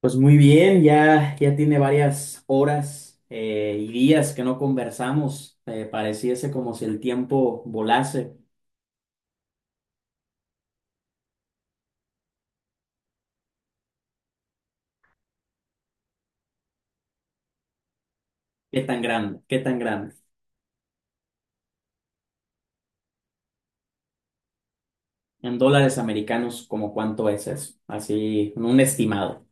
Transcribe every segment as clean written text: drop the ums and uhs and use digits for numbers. Pues muy bien, ya tiene varias horas y días que no conversamos. Pareciese como si el tiempo volase. ¿Qué tan grande? ¿Qué tan grande? En dólares americanos, ¿como cuánto es eso? Así, un estimado.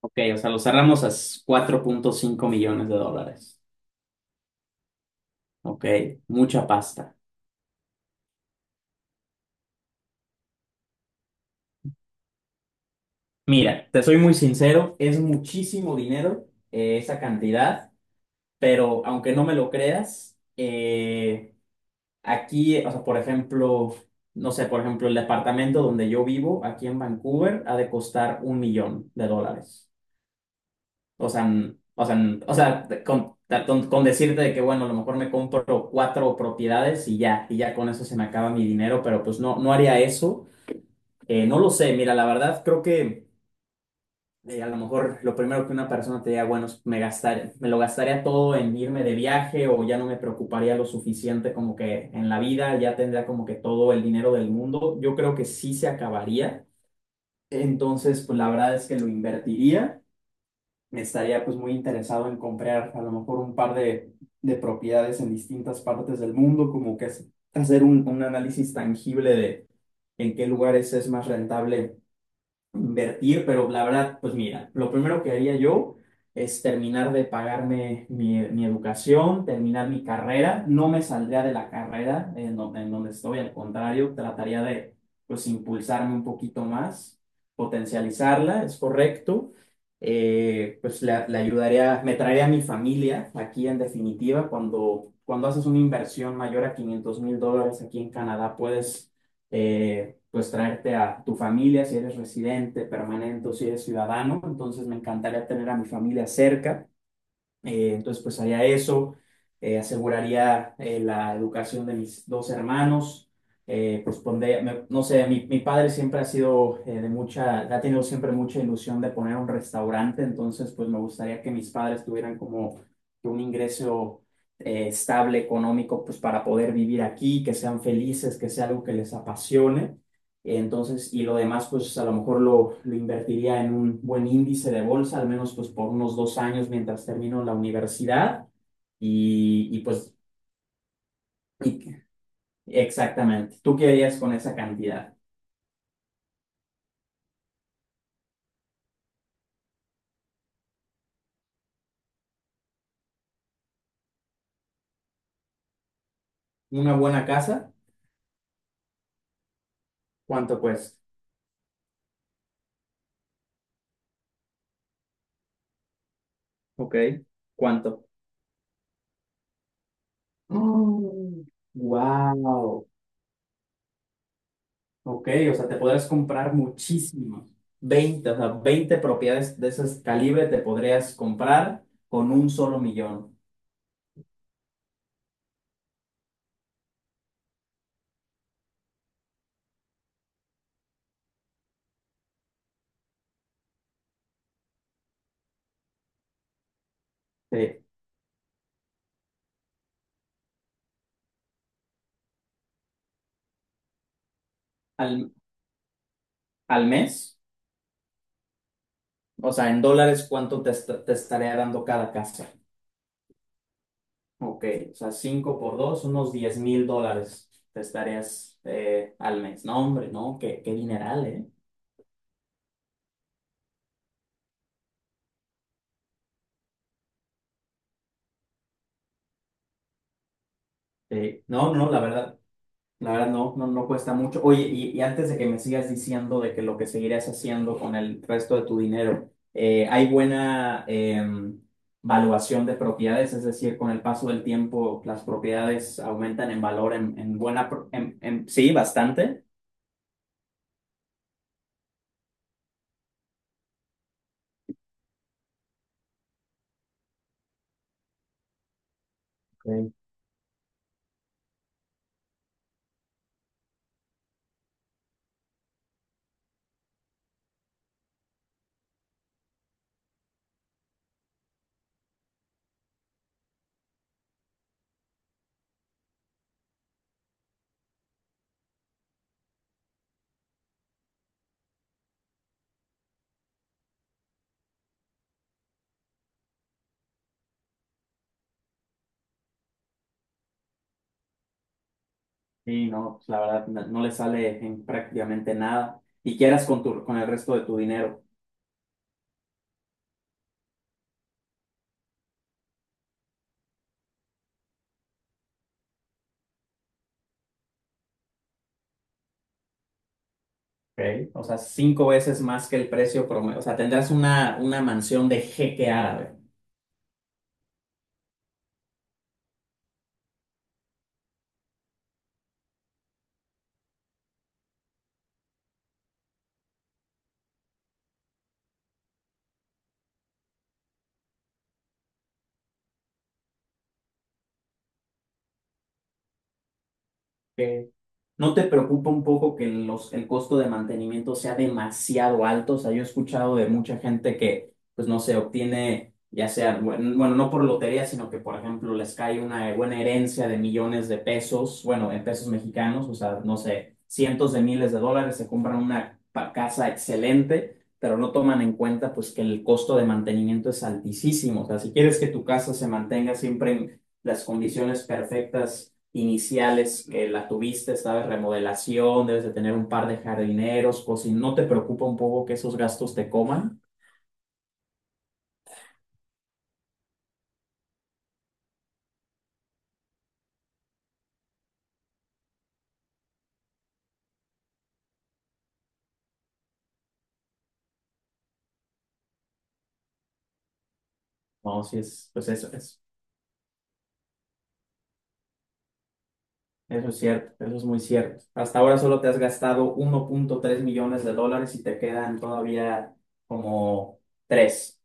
Ok, o sea, lo cerramos a 4.5 millones de dólares. Ok, mucha pasta. Mira, te soy muy sincero, es muchísimo dinero esa cantidad, pero aunque no me lo creas, aquí, o sea, por ejemplo, no sé, por ejemplo, el departamento donde yo vivo, aquí en Vancouver, ha de costar un millón de dólares. O sea, o sea, o sea, con decirte de que, bueno, a lo mejor me compro cuatro propiedades y ya con eso se me acaba mi dinero, pero pues no, no haría eso. No lo sé, mira, la verdad creo que a lo mejor lo primero que una persona te diga, bueno, es me lo gastaría todo en irme de viaje o ya no me preocuparía lo suficiente como que en la vida ya tendría como que todo el dinero del mundo. Yo creo que sí se acabaría. Entonces, pues la verdad es que lo invertiría. Me estaría pues muy interesado en comprar a lo mejor un par de propiedades en distintas partes del mundo, como que hacer un análisis tangible de en qué lugares es más rentable invertir, pero la verdad, pues mira, lo primero que haría yo es terminar de pagarme mi educación, terminar mi carrera, no me saldría de la carrera en donde estoy, al contrario, trataría de, pues, impulsarme un poquito más, potencializarla, es correcto. Pues le ayudaría, me traería a mi familia aquí en definitiva, cuando haces una inversión mayor a 500.000 dólares aquí en Canadá, puedes pues traerte a tu familia si eres residente permanente o si eres ciudadano. Entonces me encantaría tener a mi familia cerca. Entonces, pues haría eso, aseguraría la educación de mis dos hermanos, pues pondría, no sé, mi padre siempre ha sido ha tenido siempre mucha ilusión de poner un restaurante, entonces pues me gustaría que mis padres tuvieran como que un ingreso estable económico, pues para poder vivir aquí, que sean felices, que sea algo que les apasione. Entonces, y lo demás, pues a lo mejor lo invertiría en un buen índice de bolsa, al menos pues por unos 2 años mientras termino la universidad. Y, y, pues, y- exactamente. ¿Tú qué harías con esa cantidad? ¿Una buena casa? ¿Cuánto cuesta? Ok. ¿Cuánto? Wow. Ok, o sea, te podrías comprar muchísimo. Veinte o sea, 20 propiedades de ese calibre te podrías comprar con un solo millón. Sí. ¿Al, al mes? O sea, en dólares, ¿cuánto te estaría dando cada casa? Ok, o sea, 5 por 2, unos 10.000 dólares te estarías al mes. No, hombre, no, qué, qué dineral, ¿eh? Sí. No, no, la verdad no cuesta mucho. Oye, y antes de que me sigas diciendo de que lo que seguirás haciendo con el resto de tu dinero, ¿hay buena valuación de propiedades? Es decir, con el paso del tiempo, las propiedades aumentan en valor en buena, pro- en- sí, bastante. Sí, no, pues, la verdad no, no le sale en prácticamente nada. Y quieras con con el resto de tu dinero. Ok. O sea, cinco veces más que el precio promedio. O sea, tendrás una mansión de jeque árabe. Ok. ¿No te preocupa un poco que el costo de mantenimiento sea demasiado alto? O sea, yo he escuchado de mucha gente que, pues no sé, obtiene, ya sea, bueno, bueno, no por lotería, sino que, por ejemplo, les cae una buena herencia de millones de pesos, bueno, en pesos mexicanos, o sea, no sé, cientos de miles de dólares, se compran una casa excelente, pero no toman en cuenta, pues, que el costo de mantenimiento es altísimo. O sea, si quieres que tu casa se mantenga siempre en las condiciones perfectas, iniciales que la tuviste, sabes, remodelación, debes de tener un par de jardineros, o si no te preocupa un poco que esos gastos te coman. No, si es, pues eso es cierto, eso es muy cierto. Hasta ahora solo te has gastado 1.3 millones de dólares y te quedan todavía como tres.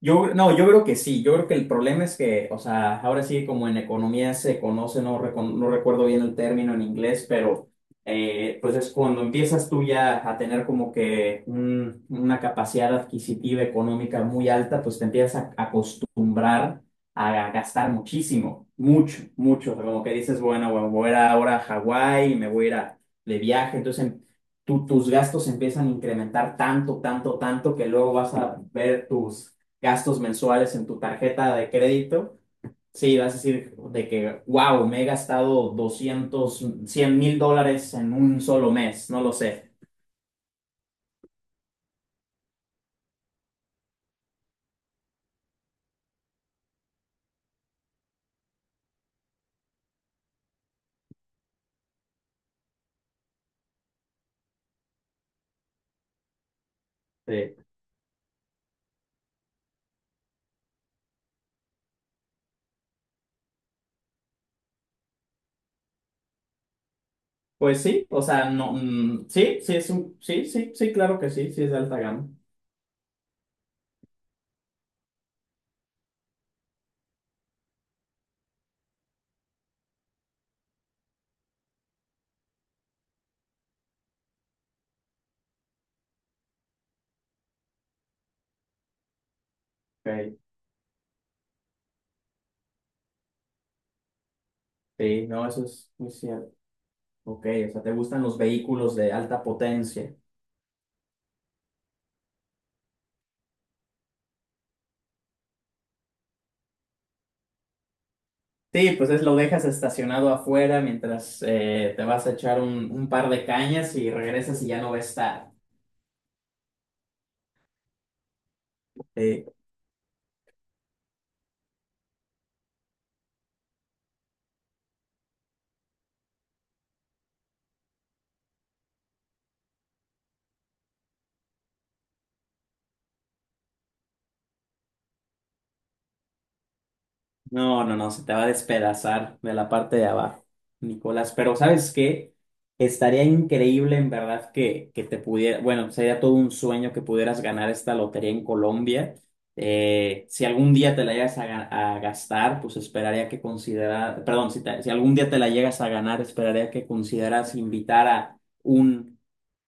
Yo, no, yo creo que sí, yo creo que el problema es que, o sea, ahora sí como en economía se conoce, no, no recuerdo bien el término en inglés, pero pues es cuando empiezas tú ya a tener como que una capacidad adquisitiva económica muy alta, pues te empiezas a acostumbrar a gastar muchísimo, mucho, mucho, o sea, como que dices, bueno, bueno, voy a ir ahora a Hawái, me voy a ir de viaje, entonces tus gastos empiezan a incrementar tanto, tanto, tanto que luego vas a ver tus gastos mensuales en tu tarjeta de crédito, sí, vas a decir de que, wow, me he gastado 200 100 mil dólares en un solo mes, no lo sé. Sí. Pues sí, o sea, no, mm, sí, sí, sí, sí, sí, claro que sí, sí es de alta gama. Ok. Sí, no, eso es muy cierto. Ok, o sea, te gustan los vehículos de alta potencia. Sí, pues es lo dejas estacionado afuera mientras te vas a echar un par de cañas y regresas y ya no va a estar. Sí. No, no, no, se te va a despedazar de la parte de abajo, Nicolás. Pero ¿sabes qué? Estaría increíble en verdad que te pudiera, bueno, sería todo un sueño que pudieras ganar esta lotería en Colombia. Si algún día te la llegas a gastar, pues esperaría que considerar, perdón, si algún día te la llegas a ganar, esperaría que consideras invitar a un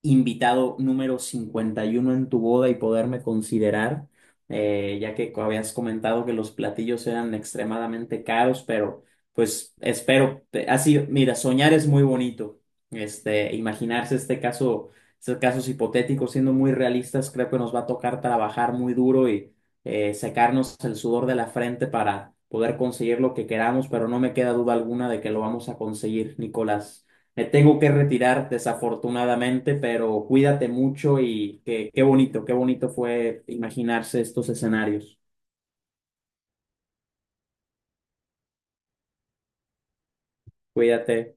invitado número 51 en tu boda y poderme considerar ya que habías comentado que los platillos eran extremadamente caros, pero pues espero, así, mira, soñar es muy bonito, este, imaginarse este caso, estos casos hipotéticos siendo muy realistas, creo que nos va a tocar trabajar muy duro y secarnos el sudor de la frente para poder conseguir lo que queramos, pero no me queda duda alguna de que lo vamos a conseguir, Nicolás. Me tengo que retirar desafortunadamente, pero cuídate mucho y qué bonito, qué bonito fue imaginarse estos escenarios. Cuídate.